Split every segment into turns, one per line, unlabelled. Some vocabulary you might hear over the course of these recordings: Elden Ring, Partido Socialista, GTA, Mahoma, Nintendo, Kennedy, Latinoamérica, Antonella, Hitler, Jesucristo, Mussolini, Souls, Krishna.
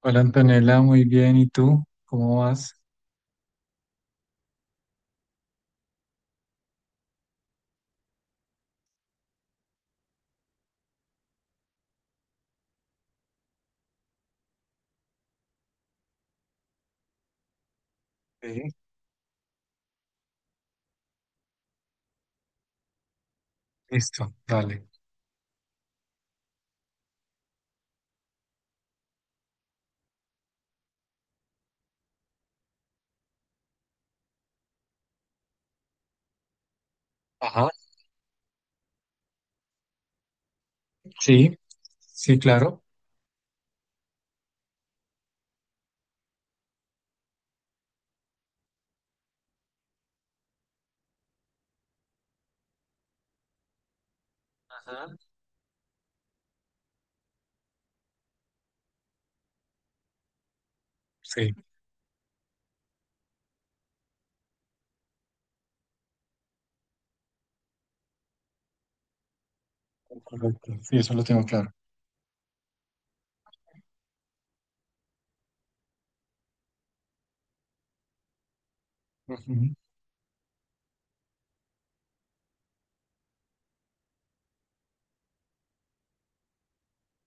Hola Antonella, muy bien. ¿Y tú? ¿Cómo vas? Sí, listo, dale. Ajá, sí, sí, claro. Ajá. Sí, correcto. Sí, eso lo tengo claro. Ujú.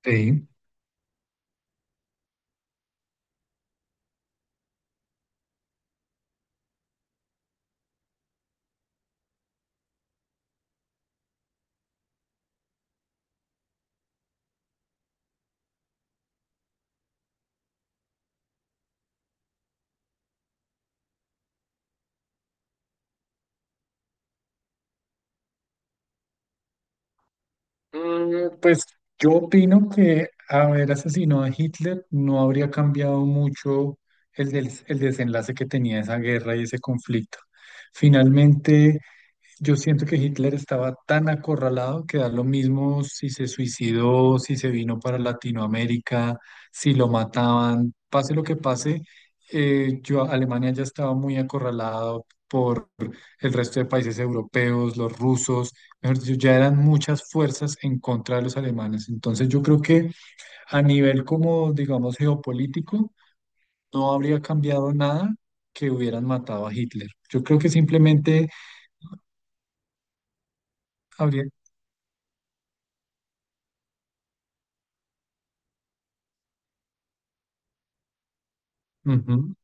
Sí. Pues yo opino que haber asesinado a Hitler no habría cambiado mucho el desenlace que tenía esa guerra y ese conflicto. Finalmente, yo siento que Hitler estaba tan acorralado que da lo mismo si se suicidó, si se vino para Latinoamérica, si lo mataban, pase lo que pase, Alemania ya estaba muy acorralado por el resto de países europeos, los rusos, mejor dicho, ya eran muchas fuerzas en contra de los alemanes. Entonces yo creo que a nivel como, digamos, geopolítico, no habría cambiado nada que hubieran matado a Hitler. Yo creo que simplemente habría... Ujú,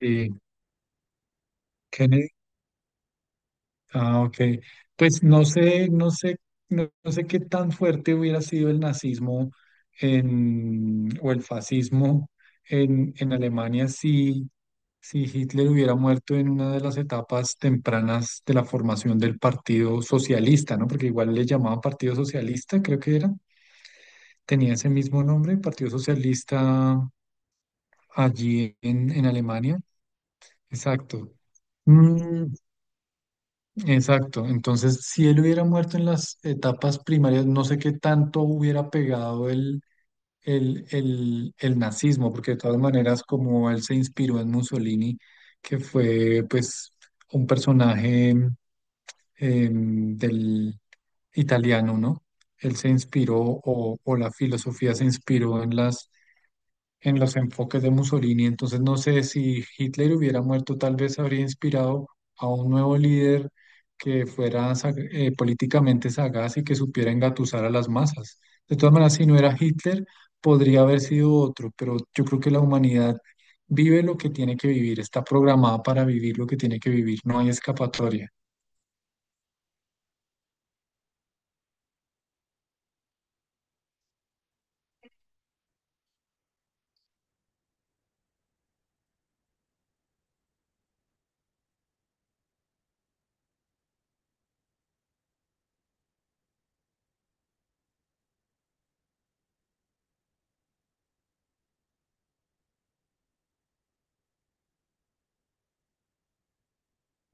sí. Kennedy. Ah, ok. Pues no sé, no sé qué tan fuerte hubiera sido el nazismo en, o el fascismo en Alemania si Hitler hubiera muerto en una de las etapas tempranas de la formación del Partido Socialista, ¿no? Porque igual le llamaban Partido Socialista, creo que era. Tenía ese mismo nombre, Partido Socialista allí en Alemania. Exacto. Mm, exacto. Entonces, si él hubiera muerto en las etapas primarias, no sé qué tanto hubiera pegado el nazismo, porque de todas maneras, como él se inspiró en Mussolini, que fue pues un personaje em, del italiano, ¿no? Él se inspiró o la filosofía se inspiró en las en los enfoques de Mussolini. Entonces no sé si Hitler hubiera muerto, tal vez habría inspirado a un nuevo líder que fuera políticamente sagaz y que supiera engatusar a las masas. De todas maneras, si no era Hitler, podría haber sido otro, pero yo creo que la humanidad vive lo que tiene que vivir, está programada para vivir lo que tiene que vivir, no hay escapatoria.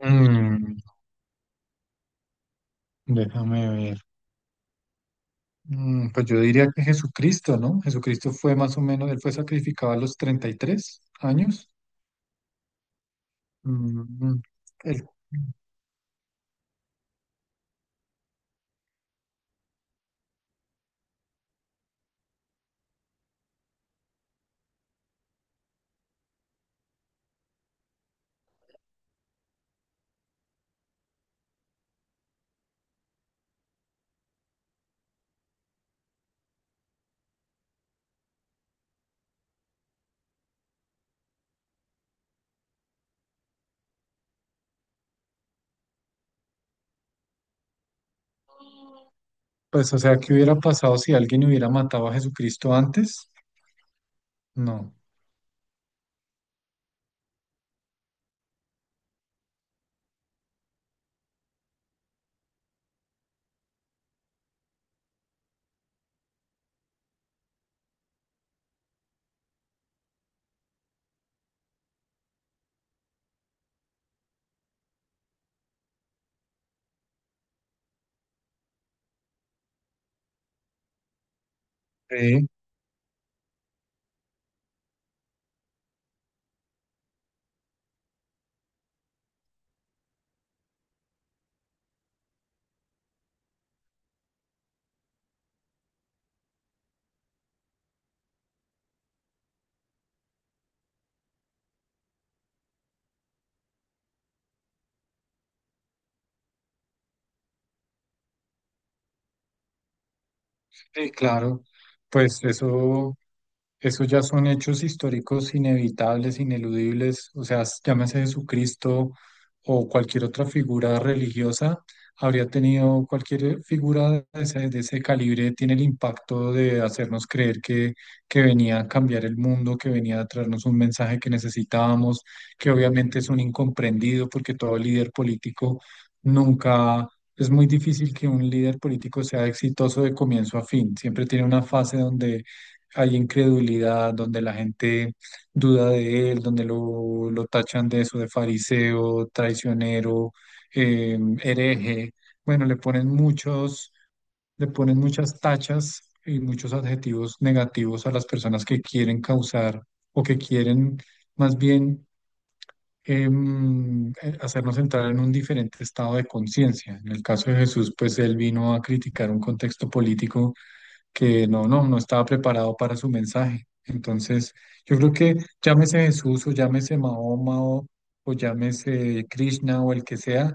Mm, déjame ver. Mm, pues yo diría que Jesucristo, ¿no? Jesucristo fue más o menos, él fue sacrificado a los 33 años. Mm, el- pues, o sea, ¿qué hubiera pasado si alguien hubiera matado a Jesucristo antes? No. Sí, sí, claro. Pues eso. Esos ya son hechos históricos inevitables, ineludibles, o sea, s- llámese Jesucristo o cualquier otra figura religiosa, habría tenido cualquier figura de ese calibre, tiene el impacto de hacernos creer que venía a cambiar el mundo, que venía a traernos un mensaje que necesitábamos, que obviamente es un incomprendido porque todo líder político nunca... Es muy difícil que un líder político sea exitoso de comienzo a fin, siempre tiene una fase donde hay incredulidad, donde la gente duda de él, donde lo tachan de eso, de fariseo, traicionero, eh, hereje. Bueno, le ponen muchas tachas y muchos adjetivos negativos a las personas que quieren causar o que quieren más bien hacernos entrar en un diferente estado de conciencia. En el caso de Jesús, pues él vino a criticar un contexto político que no estaba preparado para su mensaje. Entonces, yo creo que llámese Jesús o llámese Mahoma o llámese Krishna o el que sea,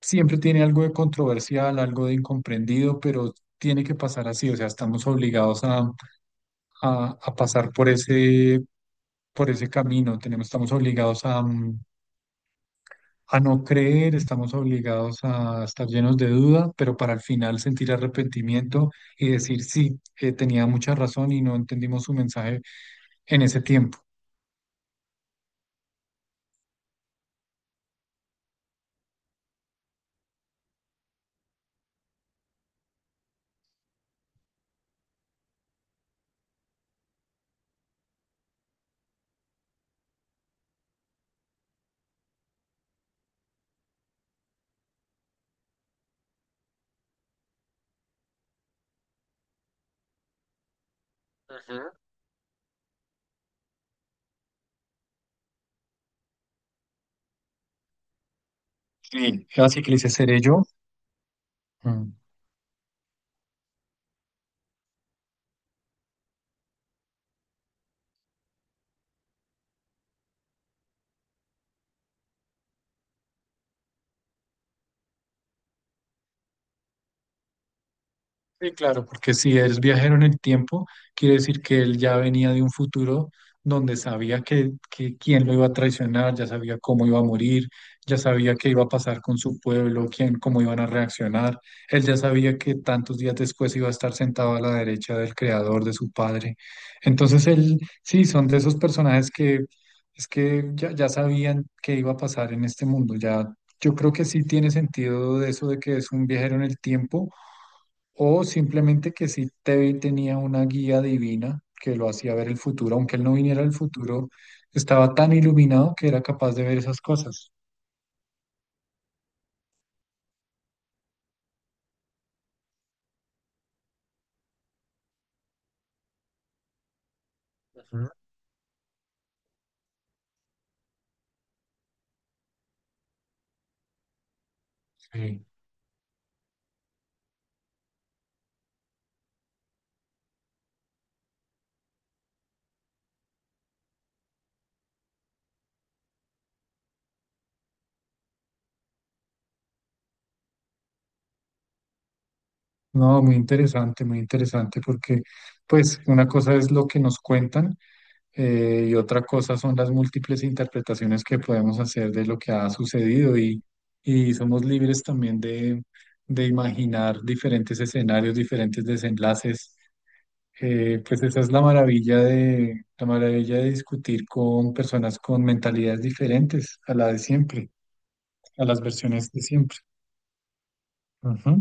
siempre tiene algo de controversial, algo de incomprendido, pero tiene que pasar así, o sea, estamos obligados a, a pasar por ese camino, tenemos, estamos obligados a, mm, a no creer, estamos obligados a estar llenos de duda, pero para al final sentir arrepentimiento y decir, sí, tenía mucha razón y no entendimos su mensaje en ese tiempo. Ujú. Sí. Así que le dice, ¿seré yo? Mm. Sí, claro, porque si es viajero en el tiempo, quiere decir que él ya venía de un futuro donde sabía que quién lo iba a traicionar, ya sabía cómo iba a morir, ya sabía qué iba a pasar con su pueblo, quién, cómo iban a reaccionar. Él ya sabía que tantos días después iba a estar sentado a la derecha del creador, de su padre. Entonces él, sí, son de esos personajes que es que ya, ya sabían qué iba a pasar en este mundo. Ya, yo creo que sí tiene sentido de eso de que es un viajero en el tiempo o simplemente que tenía una guía divina que lo hacía ver el futuro, aunque él no viniera al futuro, estaba tan iluminado que era capaz de ver esas cosas. Ujú, sí. No, muy interesante, porque pues una cosa es lo que nos cuentan y otra cosa son las múltiples interpretaciones que podemos hacer de lo que ha sucedido y somos libres también de imaginar diferentes escenarios, diferentes desenlaces. Pues esa es la maravilla de discutir con personas con mentalidades diferentes a la de siempre, a las versiones de siempre. Ujú.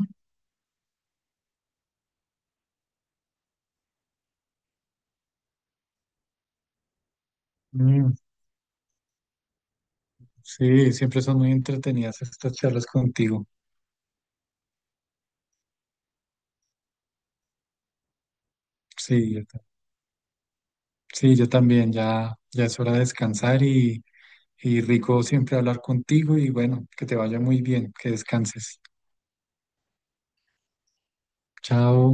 Mm, sí, siempre son muy entretenidas estas charlas contigo. Sí, sí, yo también, ya, ya es hora de descansar y rico siempre hablar contigo y bueno, que te vaya muy bien, que descanses. Chao.